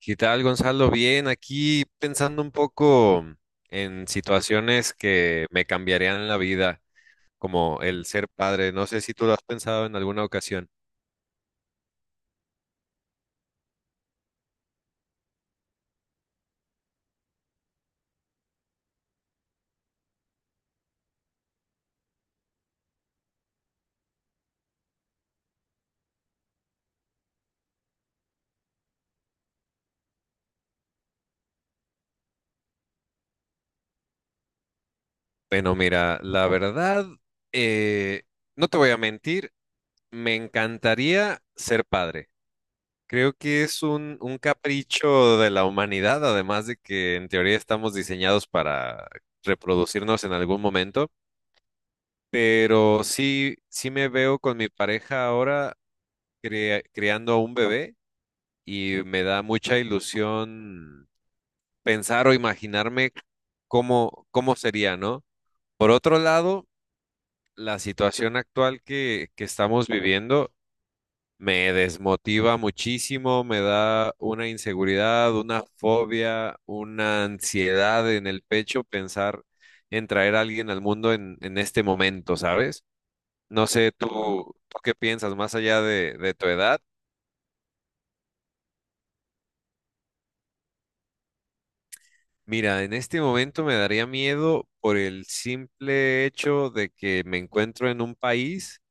¿Qué tal, Gonzalo? Bien, aquí pensando un poco en situaciones que me cambiarían la vida, como el ser padre. No sé si tú lo has pensado en alguna ocasión. Bueno, mira, la verdad, eh, no te voy a mentir, me encantaría ser padre. Creo que es un capricho de la humanidad, además de que en teoría estamos diseñados para reproducirnos en algún momento. Pero sí, sí me veo con mi pareja ahora criando a un bebé y me da mucha ilusión pensar o imaginarme cómo, cómo sería, ¿no? Por otro lado, la situación actual que estamos viviendo me desmotiva muchísimo, me da una inseguridad, una fobia, una ansiedad en el pecho pensar en traer a alguien al mundo en este momento, ¿sabes? No sé, tú qué piensas, más allá de tu edad. Mira, en este momento me daría miedo por el simple hecho de que me encuentro en un país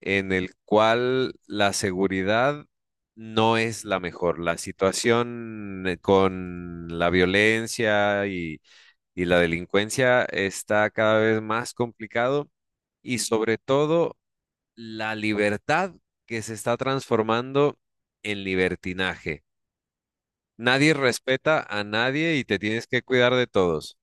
en el cual la seguridad no es la mejor. La situación con la violencia y la delincuencia está cada vez más complicado y sobre todo la libertad que se está transformando en libertinaje. Nadie respeta a nadie y te tienes que cuidar de todos.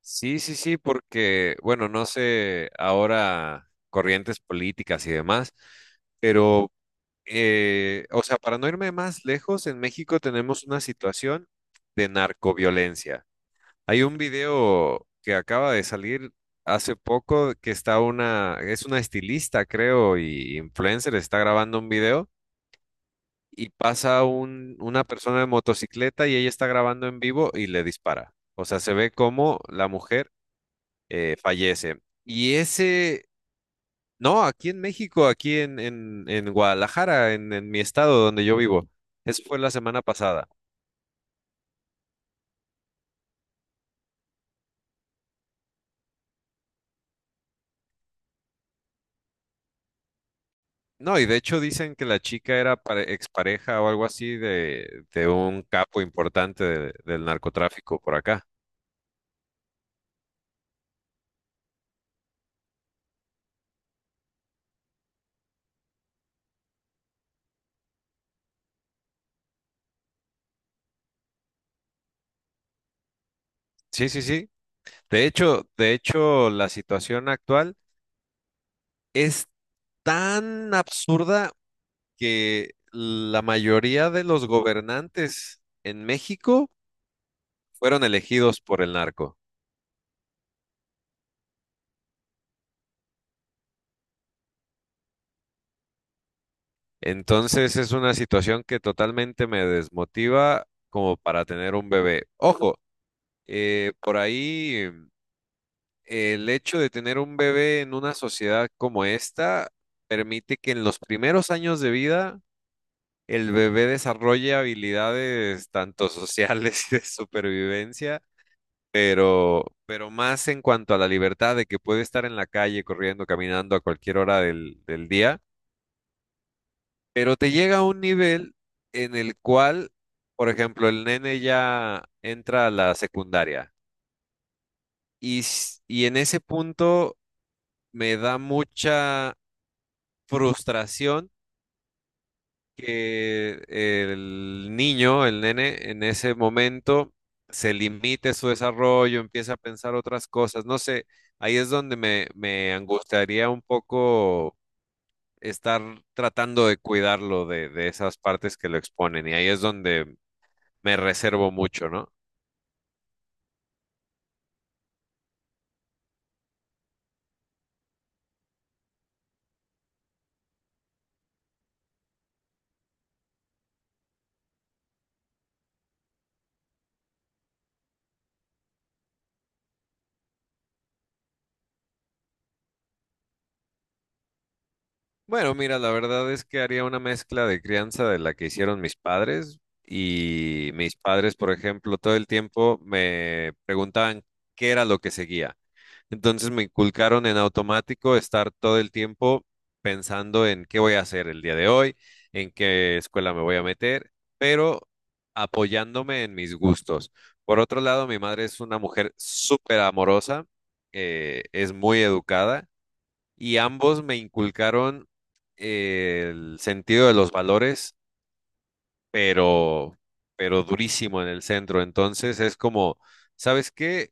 Sí, sí, sí, porque, bueno, no sé, ahora corrientes políticas y demás, pero, o sea, para no irme más lejos, en México tenemos una situación de narcoviolencia. Hay un video que acaba de salir hace poco que está una, es una estilista, creo, y influencer, está grabando un video y pasa un, una persona de motocicleta y ella está grabando en vivo y le dispara. O sea, se ve cómo la mujer fallece. Y ese, no, aquí en México, aquí en Guadalajara, en mi estado donde yo vivo, eso fue la semana pasada. No, y de hecho dicen que la chica era expareja o algo así de un capo importante del narcotráfico por acá. Sí, sí, sí. De hecho, la situación actual es tan absurda que la mayoría de los gobernantes en México fueron elegidos por el narco. Entonces es una situación que totalmente me desmotiva como para tener un bebé. Ojo, por ahí el hecho de tener un bebé en una sociedad como esta permite que en los primeros años de vida el bebé desarrolle habilidades tanto sociales y de supervivencia, pero más en cuanto a la libertad de que puede estar en la calle corriendo, caminando a cualquier hora del día. Pero te llega a un nivel en el cual, por ejemplo, el nene ya entra a la secundaria y, y en ese punto me da mucha frustración que el niño, el nene, en ese momento se limite su desarrollo, empieza a pensar otras cosas. No sé, ahí es donde me angustiaría un poco estar tratando de cuidarlo de esas partes que lo exponen y ahí es donde me reservo mucho, ¿no? Bueno, mira, la verdad es que haría una mezcla de crianza de la que hicieron mis padres, y mis padres, por ejemplo, todo el tiempo me preguntaban qué era lo que seguía. Entonces me inculcaron en automático estar todo el tiempo pensando en qué voy a hacer el día de hoy, en qué escuela me voy a meter, pero apoyándome en mis gustos. Por otro lado, mi madre es una mujer súper amorosa, es muy educada y ambos me inculcaron el sentido de los valores, pero, pero durísimo en el centro. Entonces es como, ¿sabes qué?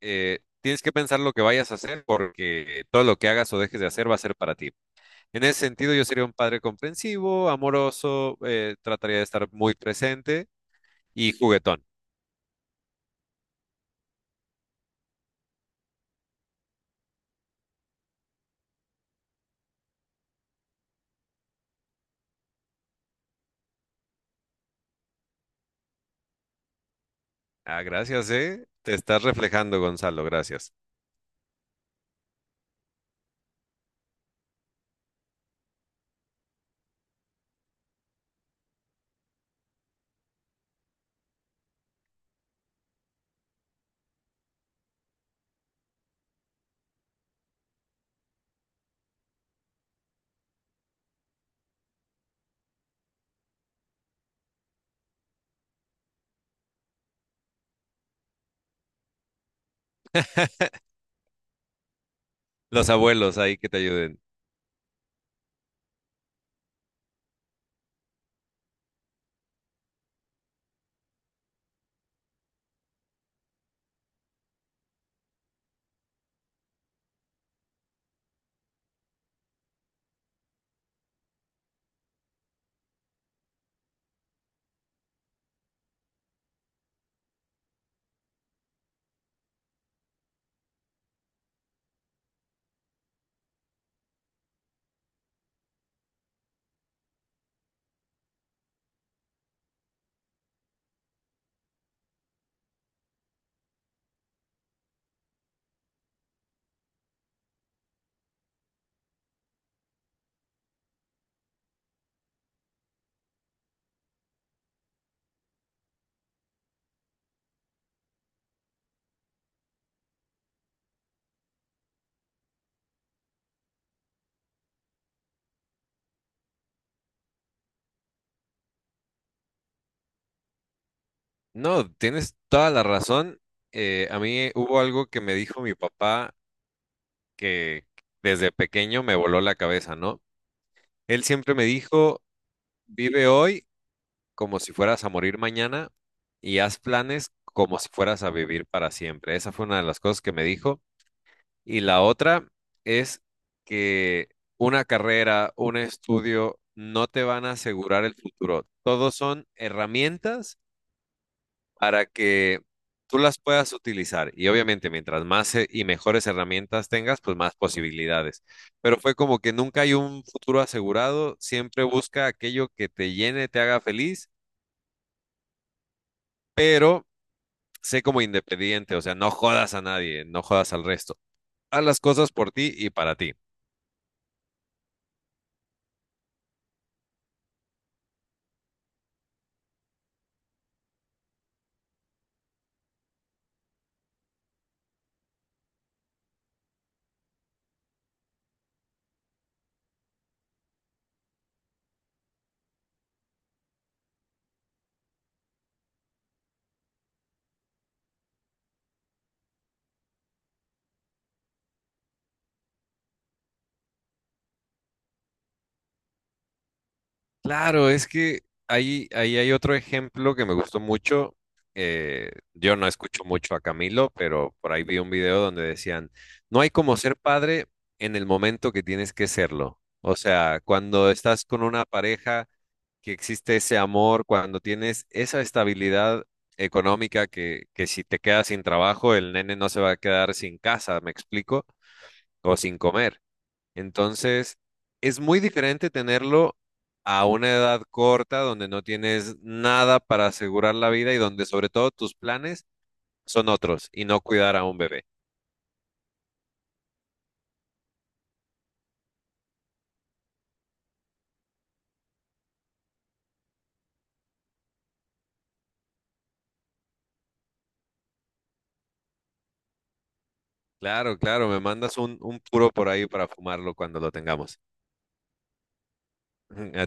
Tienes que pensar lo que vayas a hacer porque todo lo que hagas o dejes de hacer va a ser para ti. En ese sentido, yo sería un padre comprensivo, amoroso, trataría de estar muy presente y juguetón. Ah, gracias, ¿eh? Te estás reflejando, Gonzalo, gracias. Los abuelos ahí que te ayuden. No, tienes toda la razón. A mí hubo algo que me dijo mi papá que desde pequeño me voló la cabeza, ¿no? Él siempre me dijo, vive hoy como si fueras a morir mañana y haz planes como si fueras a vivir para siempre. Esa fue una de las cosas que me dijo. Y la otra es que una carrera, un estudio no te van a asegurar el futuro. Todos son herramientas para que tú las puedas utilizar. Y obviamente, mientras más y mejores herramientas tengas, pues más posibilidades. Pero fue como que nunca hay un futuro asegurado, siempre busca aquello que te llene, te haga feliz, pero sé como independiente, o sea, no jodas a nadie, no jodas al resto. Haz las cosas por ti y para ti. Claro, es que ahí, ahí hay otro ejemplo que me gustó mucho. Yo no escucho mucho a Camilo, pero por ahí vi un video donde decían, no hay como ser padre en el momento que tienes que serlo. O sea, cuando estás con una pareja que existe ese amor, cuando tienes esa estabilidad económica que si te quedas sin trabajo, el nene no se va a quedar sin casa, ¿me explico? O sin comer. Entonces, es muy diferente tenerlo a una edad corta donde no tienes nada para asegurar la vida y donde sobre todo tus planes son otros y no cuidar a un bebé. Claro, claro, me mandas un puro por ahí para fumarlo cuando lo tengamos.